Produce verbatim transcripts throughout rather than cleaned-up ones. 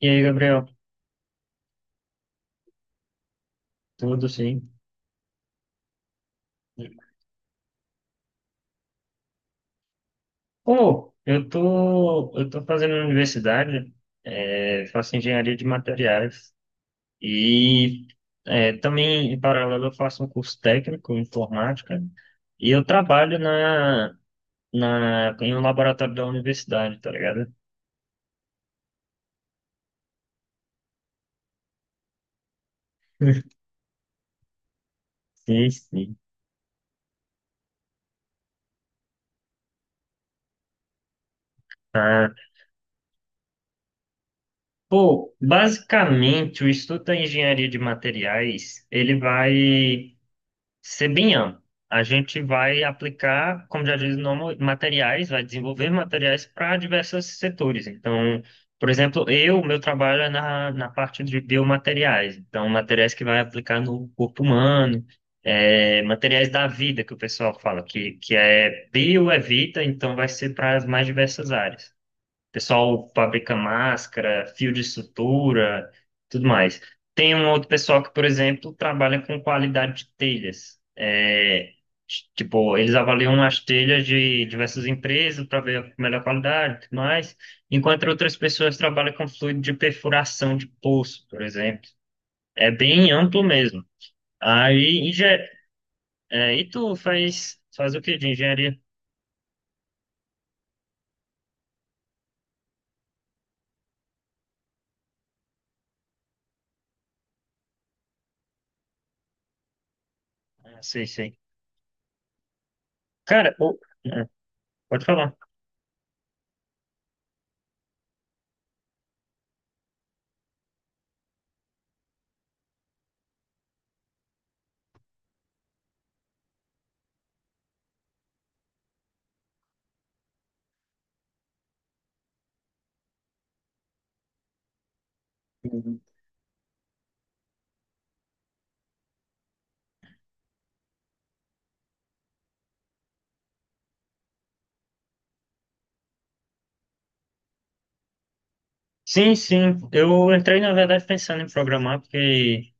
E aí, Gabriel? Tudo sim. Pô, eu tô, eu tô fazendo na universidade, é, faço engenharia de materiais e é, também, em paralelo, eu faço um curso técnico em informática e eu trabalho na, na, em um laboratório da universidade, tá ligado? Sim, sim. Ah, pô, basicamente, o estudo da engenharia de materiais, ele vai Sebinha, a gente vai aplicar, como já diz o nome, materiais, vai desenvolver materiais para diversos setores. Então, por exemplo, eu, meu trabalho é na, na parte de biomateriais. Então, materiais que vai aplicar no corpo humano, é, materiais da vida, que o pessoal fala, que, que é bio é vida, então vai ser para as mais diversas áreas. Pessoal fabrica máscara, fio de sutura, tudo mais. Tem um outro pessoal que, por exemplo, trabalha com qualidade de telhas. É, tipo, eles avaliam as telhas de diversas empresas para ver a melhor qualidade e tudo mais, enquanto outras pessoas trabalham com fluido de perfuração de poço, por exemplo. É bem amplo mesmo. Aí, engen... é, e tu faz, faz o que de engenharia? Ah, sei, sei. Cara, o- é, Pode falar. Sim, sim. Eu entrei, na verdade, pensando em programar, porque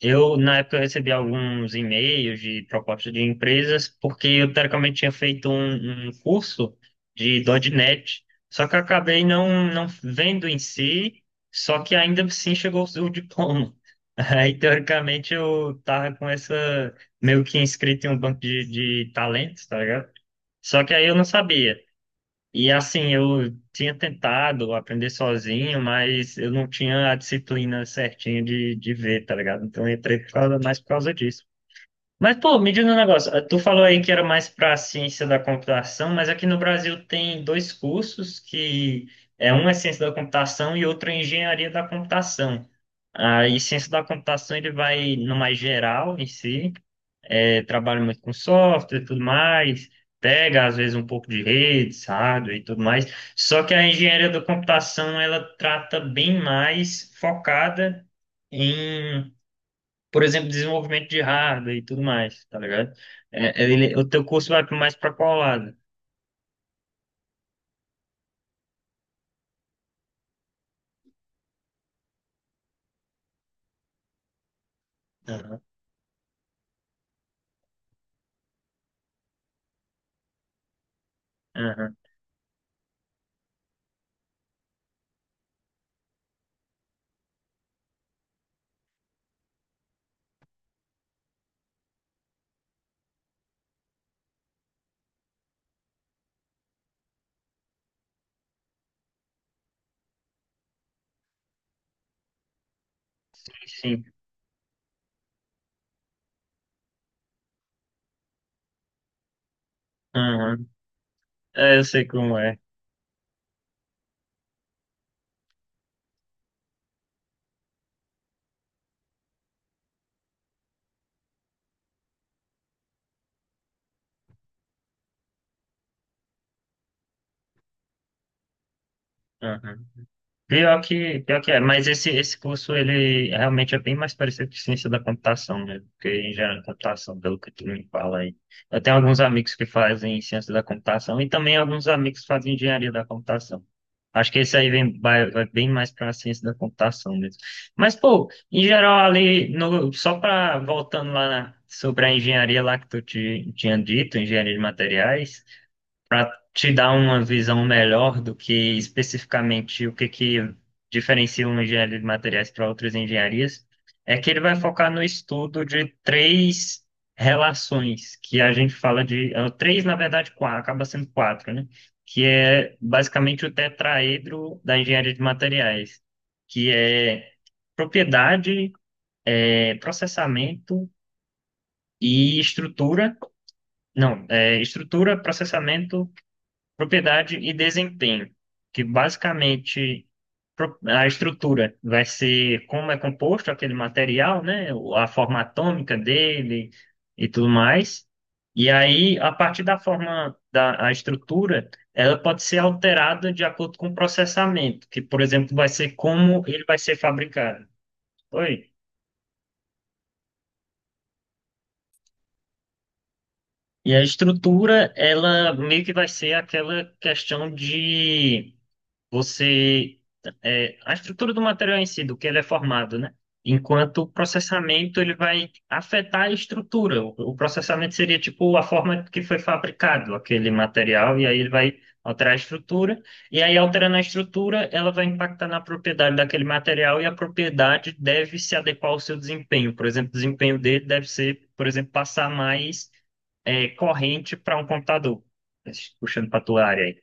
eu, na época, eu recebi alguns e-mails de propostas de empresas, porque eu, teoricamente, tinha feito um, um curso de .ponto net, só que eu acabei não, não vendo em si, só que ainda assim chegou o diploma. Aí, teoricamente, eu tava com essa, meio que inscrito em um banco de, de talentos, tá ligado? Só que aí eu não sabia. E assim, eu tinha tentado aprender sozinho, mas eu não tinha a disciplina certinha de, de ver, tá ligado? Então eu entrei por causa- mais por causa disso. Mas, pô, me diz um negócio. eh, Tu falou aí que era mais para ciência da computação, mas aqui no Brasil tem dois cursos que é um é ciência da computação e outro é engenharia da computação. Aí, ciência da computação ele vai no mais geral em si é, trabalha muito com software e tudo mais, pega às vezes um pouco de redes hardware e tudo mais. Só que a engenharia da computação ela trata bem mais focada em, por exemplo, desenvolvimento de hardware e tudo mais, tá ligado? É, é, ele- o teu curso vai mais para qual lado? Aham, aham, Sim. Aham. É, eu sei como é. Aham. Pior que, pior que é, mas esse, esse curso ele realmente é bem mais parecido com ciência da computação, né? Porque engenharia da computação, pelo que tu me fala aí. Eu tenho alguns amigos que fazem ciência da computação e também alguns amigos que fazem engenharia da computação. Acho que esse aí vem, vai, vai bem mais para a ciência da computação mesmo. Mas, pô, em geral, ali, no, só para voltando lá na- sobre a engenharia lá que tu te, tinha dito, engenharia de materiais para te dar uma visão melhor do que especificamente o que que diferencia uma engenharia de materiais para outras engenharias, é que ele vai focar no estudo de três relações que a gente fala de eh, três, na verdade, quatro, acaba sendo quatro, né? Que é basicamente o tetraedro da engenharia de materiais, que é propriedade, eh, processamento e estrutura. Não, é, estrutura, processamento. Propriedade e desempenho, que basicamente pro- a estrutura vai ser como é composto aquele material, né? O- A forma atômica dele e tudo mais. E aí, a partir da forma da a estrutura, ela pode ser alterada de acordo com o processamento, que, por exemplo, vai ser como ele vai ser fabricado. Oi. E a estrutura, ela meio que vai ser aquela questão de você é, a estrutura do material em si, do que ele é formado, né? Enquanto o processamento ele vai afetar a estrutura. O, o processamento seria tipo a forma que foi fabricado aquele material e aí ele vai alterar a estrutura e aí alterando a estrutura ela vai impactar na propriedade daquele material e a propriedade deve se adequar ao seu desempenho. Por exemplo, o desempenho dele deve ser, por exemplo, passar mais é, corrente para um computador. Puxando para a tua área aí.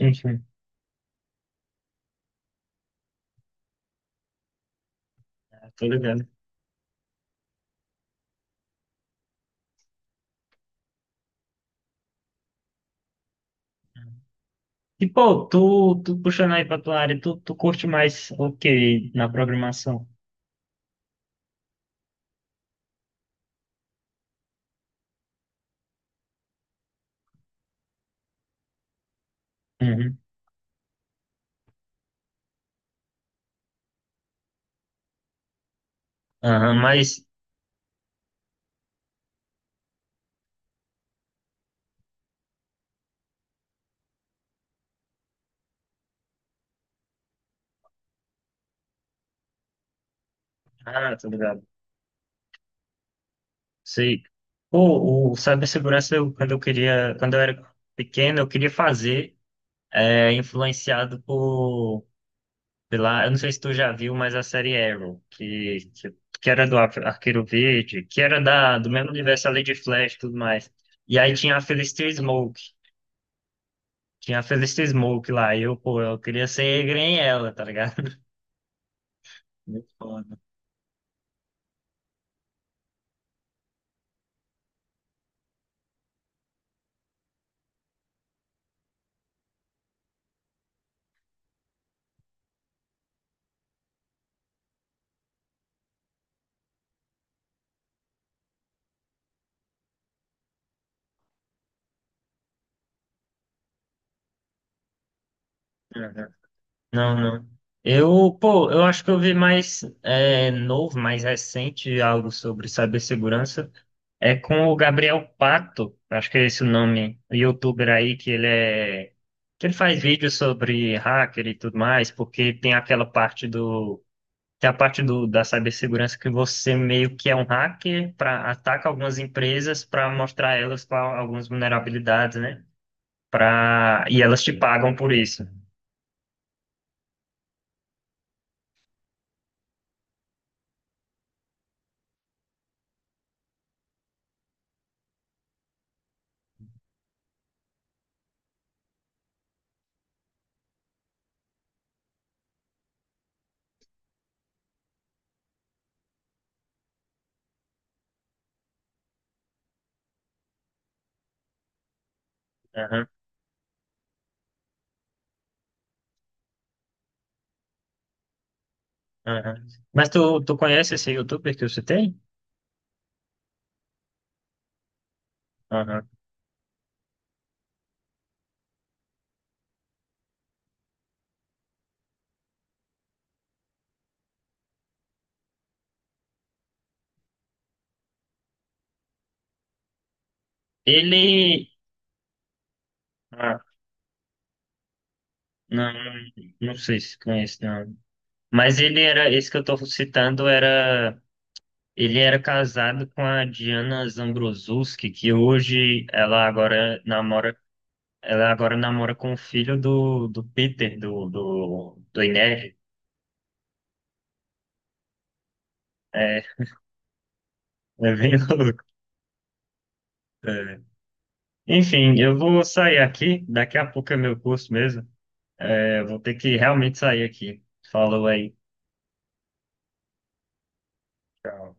Uhum. Tô ligado. E, pô, tu, tu puxando aí pra tua área, tu, tu curte mais o que na programação? Uhum. Aham, mas. Ah, tô ligado. Sei. Pô, o cibersegurança, eu, quando eu queria, quando eu era pequeno, eu queria fazer, é, influenciado por, pela, eu não sei se tu já viu, mas a série Arrow, que, que, que era do Ar- Arqueiro Verde, que era da, do mesmo universo ali de Flash e tudo mais. E aí tinha a Felicity Smoke. Tinha a Felicity Smoke lá. E eu, pô, eu queria ser grem ela, tá ligado? Muito foda. Uhum. Não, não. Eu, pô, eu acho que eu vi mais é, novo, mais recente, algo sobre cibersegurança. É com o Gabriel Pato, acho que é esse o nome, o youtuber aí, que ele é. Que ele faz vídeos sobre hacker e tudo mais, porque tem aquela parte do Tem a parte do, da cibersegurança que você meio que é um hacker para ataca algumas empresas para mostrar elas qual, algumas vulnerabilidades, né? Pra, e elas te pagam por isso. Aham, aham. Mas tu, tu conhece esse youtuber que eu citei? Aham. Ele. Ah, não, não sei se conhece, não. Mas ele era. Esse que eu tô citando era. Ele era casado com a Diana Zambrosuski, que hoje ela agora namora. Ela agora namora com o filho do, do Peter, do, do, do Inez. É, é bem louco. É. Enfim, eu vou sair aqui. Daqui a pouco é meu curso mesmo. É, eu vou ter que realmente sair aqui. Falou aí. Tchau.